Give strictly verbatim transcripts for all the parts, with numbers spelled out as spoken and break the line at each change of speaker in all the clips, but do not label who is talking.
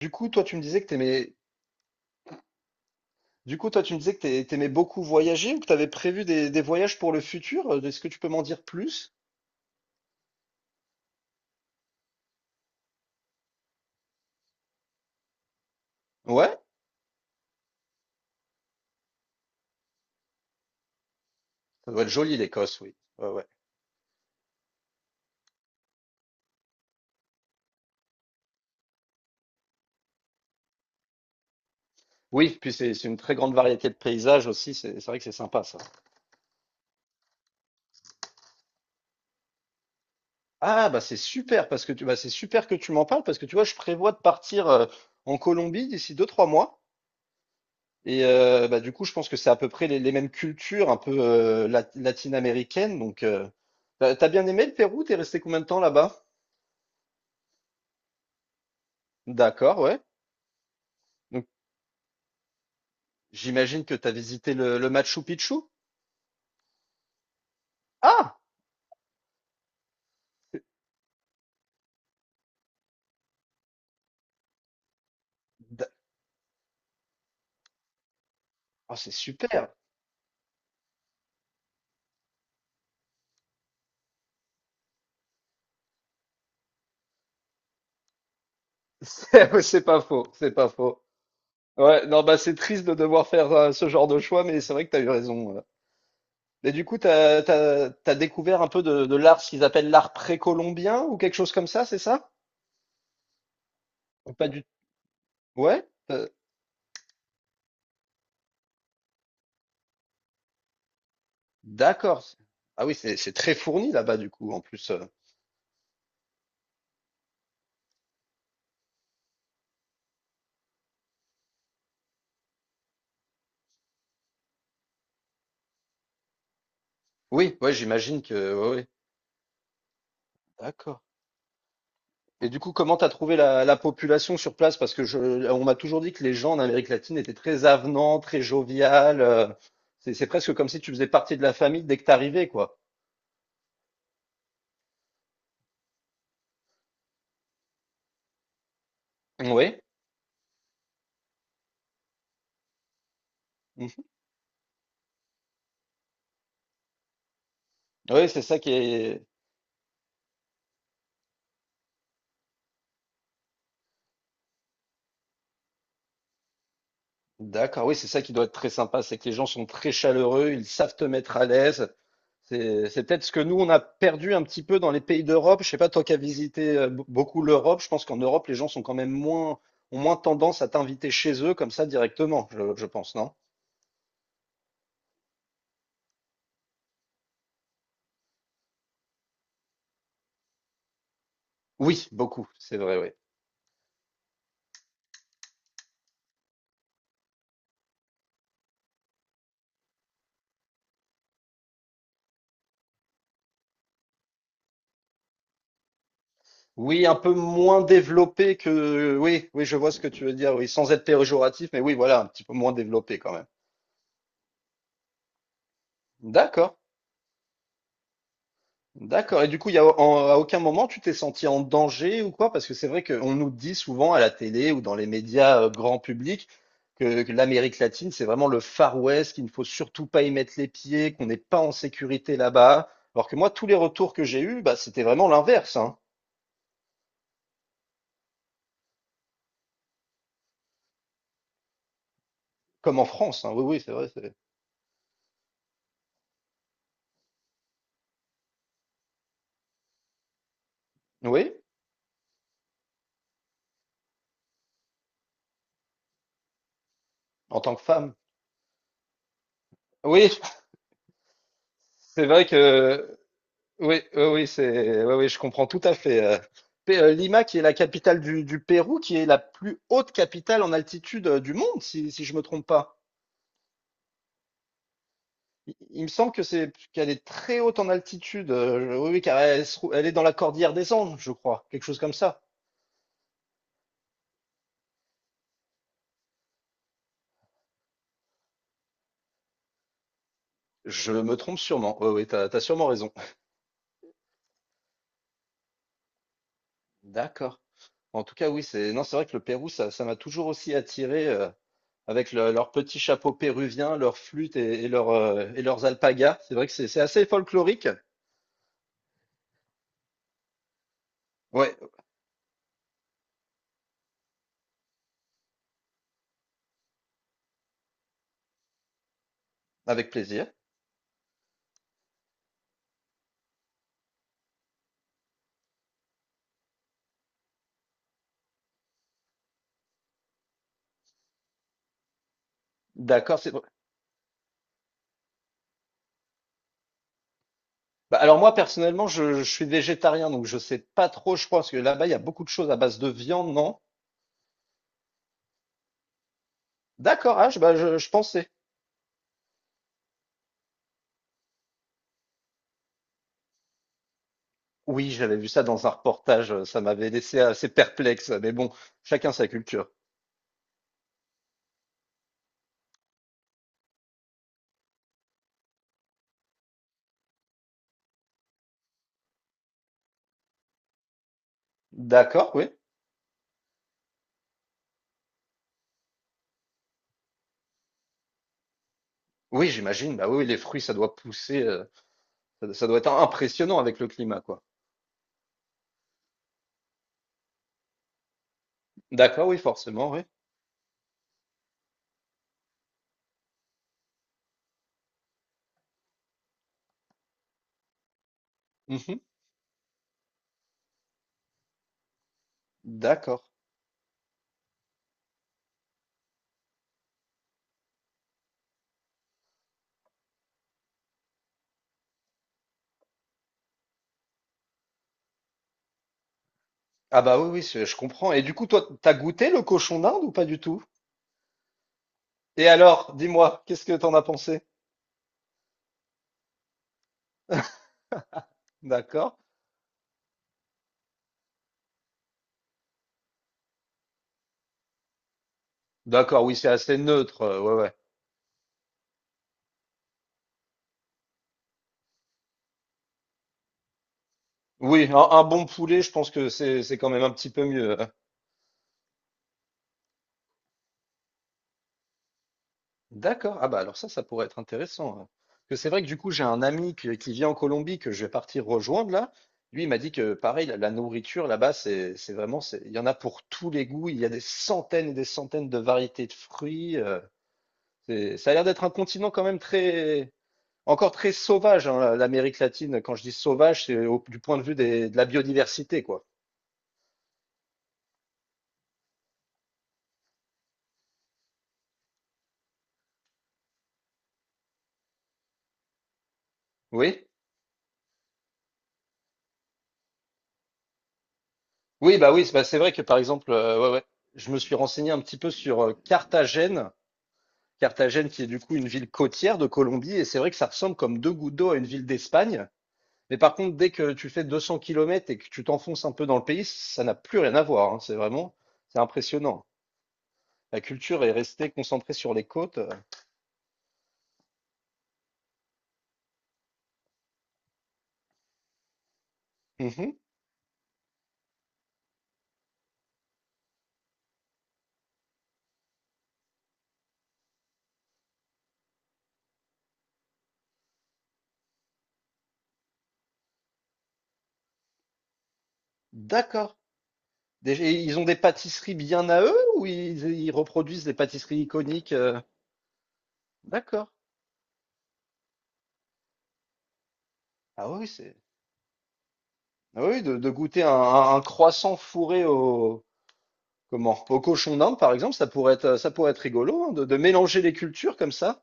Du coup, toi, tu me disais que t'aimais, du coup, toi, tu me disais que t'ai- t'aimais beaucoup voyager ou que t'avais prévu des, des voyages pour le futur. Euh, Est-ce que tu peux m'en dire plus? Ouais, ça doit être joli, l'Écosse, oui. Ouais, ouais. Oui, puis c'est c'est une très grande variété de paysages aussi. C'est c'est vrai que c'est sympa, ça. Ah, bah, c'est super parce que tu, bah, c'est super que tu m'en parles parce que tu vois, je prévois de partir euh, en Colombie d'ici deux, trois mois. Et euh, bah, du coup, je pense que c'est à peu près les, les mêmes cultures un peu euh, lat- latine-américaines. Donc, euh, t'as t'as bien aimé le Pérou? T'es resté combien de temps là-bas? D'accord, ouais. J'imagine que tu as visité le, le Machu Picchu? Ah! C'est oh, c'est super! C'est c'est pas faux, c'est pas faux. Ouais, non, bah c'est triste de devoir faire euh, ce genre de choix, mais c'est vrai que t'as eu raison. euh. Mais du coup, t'as, t'as, t'as découvert un peu de, de l'art, ce qu'ils appellent l'art précolombien ou quelque chose comme ça, c'est ça? Ou pas du... Ouais? euh, d'accord. Ah oui, c'est c'est très fourni là-bas du coup, en plus. euh. Oui, ouais, j'imagine que. Ouais, ouais. D'accord. Et du coup, comment t'as trouvé la, la population sur place? Parce que je, on m'a toujours dit que les gens en Amérique latine étaient très avenants, très joviales. euh, C'est, c'est presque comme si tu faisais partie de la famille dès que t'arrivais, quoi. Oui. Mhm. Oui, c'est ça qui est. D'accord, oui, c'est ça qui doit être très sympa, c'est que les gens sont très chaleureux, ils savent te mettre à l'aise. C'est, c'est peut-être ce que nous, on a perdu un petit peu dans les pays d'Europe. Je sais pas, toi qui as visité euh, be- beaucoup l'Europe, je pense qu'en Europe, les gens sont quand même moins, ont moins tendance à t'inviter chez eux comme ça directement, je, je pense, non? Oui, beaucoup, c'est vrai, oui. Oui, un peu moins développé que. Oui, oui, je vois ce que tu veux dire, oui, sans être péjoratif, mais oui, voilà, un petit peu moins développé quand même. D'accord, d'accord. Et du coup, il y a, en- à aucun moment tu t'es senti en danger ou quoi? Parce que c'est vrai qu'on nous dit souvent à la télé ou dans les médias euh, grand public que, que l'Amérique latine, c'est vraiment le Far West, qu'il ne faut surtout pas y mettre les pieds, qu'on n'est pas en sécurité là-bas. Alors que moi, tous les retours que j'ai eus, bah, c'était vraiment l'inverse, hein. Comme en France, hein. Oui, oui, c'est vrai. C'est- Oui, en tant que femme. Oui, c'est vrai que oui, oui, oui, c'est oui, oui, je comprends tout à fait. euh. Pe- euh, Lima, qui est la capitale du, du Pérou, qui est la plus haute capitale en altitude euh, du monde, si, si je me trompe pas. Il, il me semble que c'est qu'elle est très haute en altitude. euh, Oui, oui, car elle, se trou- elle est dans la cordillère des Andes, je crois, quelque chose comme ça. Je me trompe sûrement. Oui, oui, t'as, t'as sûrement raison. D'accord. En tout cas, oui, c'est non, c'est vrai que le Pérou, ça, ça m'a toujours aussi attiré. euh, avec le- leur petit chapeau péruvien, leur flûte et, et leur, euh, et leurs alpagas. C'est vrai que c'est c'est assez folklorique. Ouais, avec plaisir. D'accord, c'est bah, alors moi personnellement, je, je suis végétarien, donc je sais pas trop, je pense que là-bas, il y a beaucoup de choses à base de viande, non? D'accord, ah, je, bah, je, je pensais. Oui, j'avais vu ça dans un reportage, euh, ça m'avait laissé assez perplexe, mais bon, chacun sa culture. D'accord, oui. Oui, j'imagine, bah oui, les fruits, ça doit pousser, euh, ça, ça doit être impressionnant avec le climat, quoi. D'accord, oui, forcément, oui. Mhm. D'accord. Ah bah oui, oui, je je comprends. Et du coup, toi, t'as goûté le cochon d'Inde ou pas du tout? Et alors, dis-moi, qu'est-ce que t'en as pensé? D'accord. D'accord, oui, c'est assez neutre. euh, Ouais, ouais. Oui, un, un bon poulet, je pense que c'est c'est quand même un petit peu mieux. Hein. D'accord. Ah bah alors ça, ça pourrait être intéressant. Hein. Parce que c'est vrai que du coup, j'ai un ami qui, qui vit en Colombie que je vais partir rejoindre là. Lui, il m'a dit que pareil, la, la nourriture là-bas, c'est c'est vraiment, c'est, il y en a pour tous les goûts. Il y a des centaines et des centaines de variétés de fruits. euh, C'est- Ça a l'air d'être un continent quand même très, encore très sauvage, hein, l'Amérique latine. Quand je dis sauvage, c'est au- du point de vue des- de la biodiversité, quoi. Oui? Oui, bah oui, c'est bah, c'est vrai que par exemple, euh, ouais, ouais, je me suis renseigné un petit peu sur euh, Carthagène. Carthagène qui est du coup une ville côtière de Colombie, et c'est vrai que ça ressemble comme deux gouttes d'eau à une ville d'Espagne. Mais par contre, dès que tu fais deux cents kilomètres et que tu t'enfonces un peu dans le pays, ça n'a plus rien à voir. Hein. C'est vraiment, c'est impressionnant. La culture est restée concentrée sur les côtes. Mhm. D'accord. Déjà, ils ont des pâtisseries bien à eux ou ils, ils reproduisent des pâtisseries iconiques? Euh D'accord. Ah oui, c'est. Ah oui, de, de goûter un, un- un croissant fourré au, comment, au cochon d'Inde, par exemple, ça pourrait être, ça pourrait être rigolo, hein, de, de mélanger les cultures comme ça.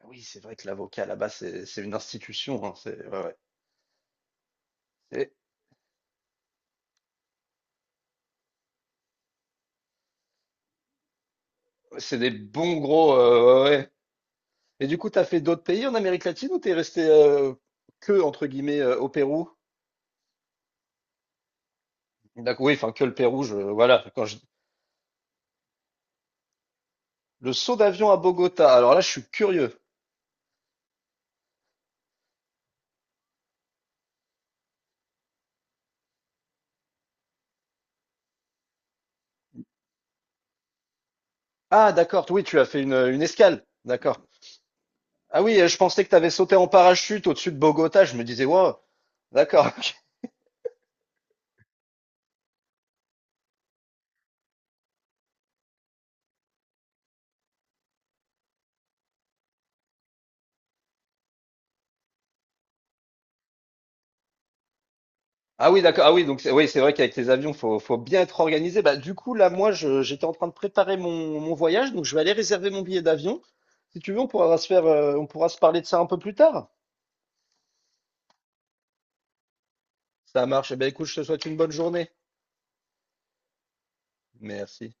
Ah Oui, c'est vrai que l'avocat là-bas, c'est, c'est une institution. Hein, c'est, ouais, ouais. C'est c'est des bons gros. euh, ouais, ouais. Et du coup, t'as fait d'autres pays en Amérique latine ou t'es resté euh, que, entre guillemets, euh, au Pérou? D'accord, oui, enfin, que le Pérou, je, voilà. Quand je, Le saut d'avion à Bogota. Alors là, je suis curieux. Ah, d'accord. Oui, tu as fait une, une escale. D'accord. Ah oui, je pensais que tu avais sauté en parachute au-dessus de Bogota. Je me disais, wow. D'accord. Ok. Ah oui, d'accord. Ah oui, donc c'est- oui, c'est vrai qu'avec les avions, faut, faut bien être organisé. Bah, du coup, là, moi, je- j'étais en train de préparer mon, mon voyage, donc je vais aller réserver mon billet d'avion. Si tu veux, on pourra se faire, euh, on pourra se parler de ça un peu plus tard. Ça marche. Eh bien, écoute, je te souhaite une bonne journée. Merci.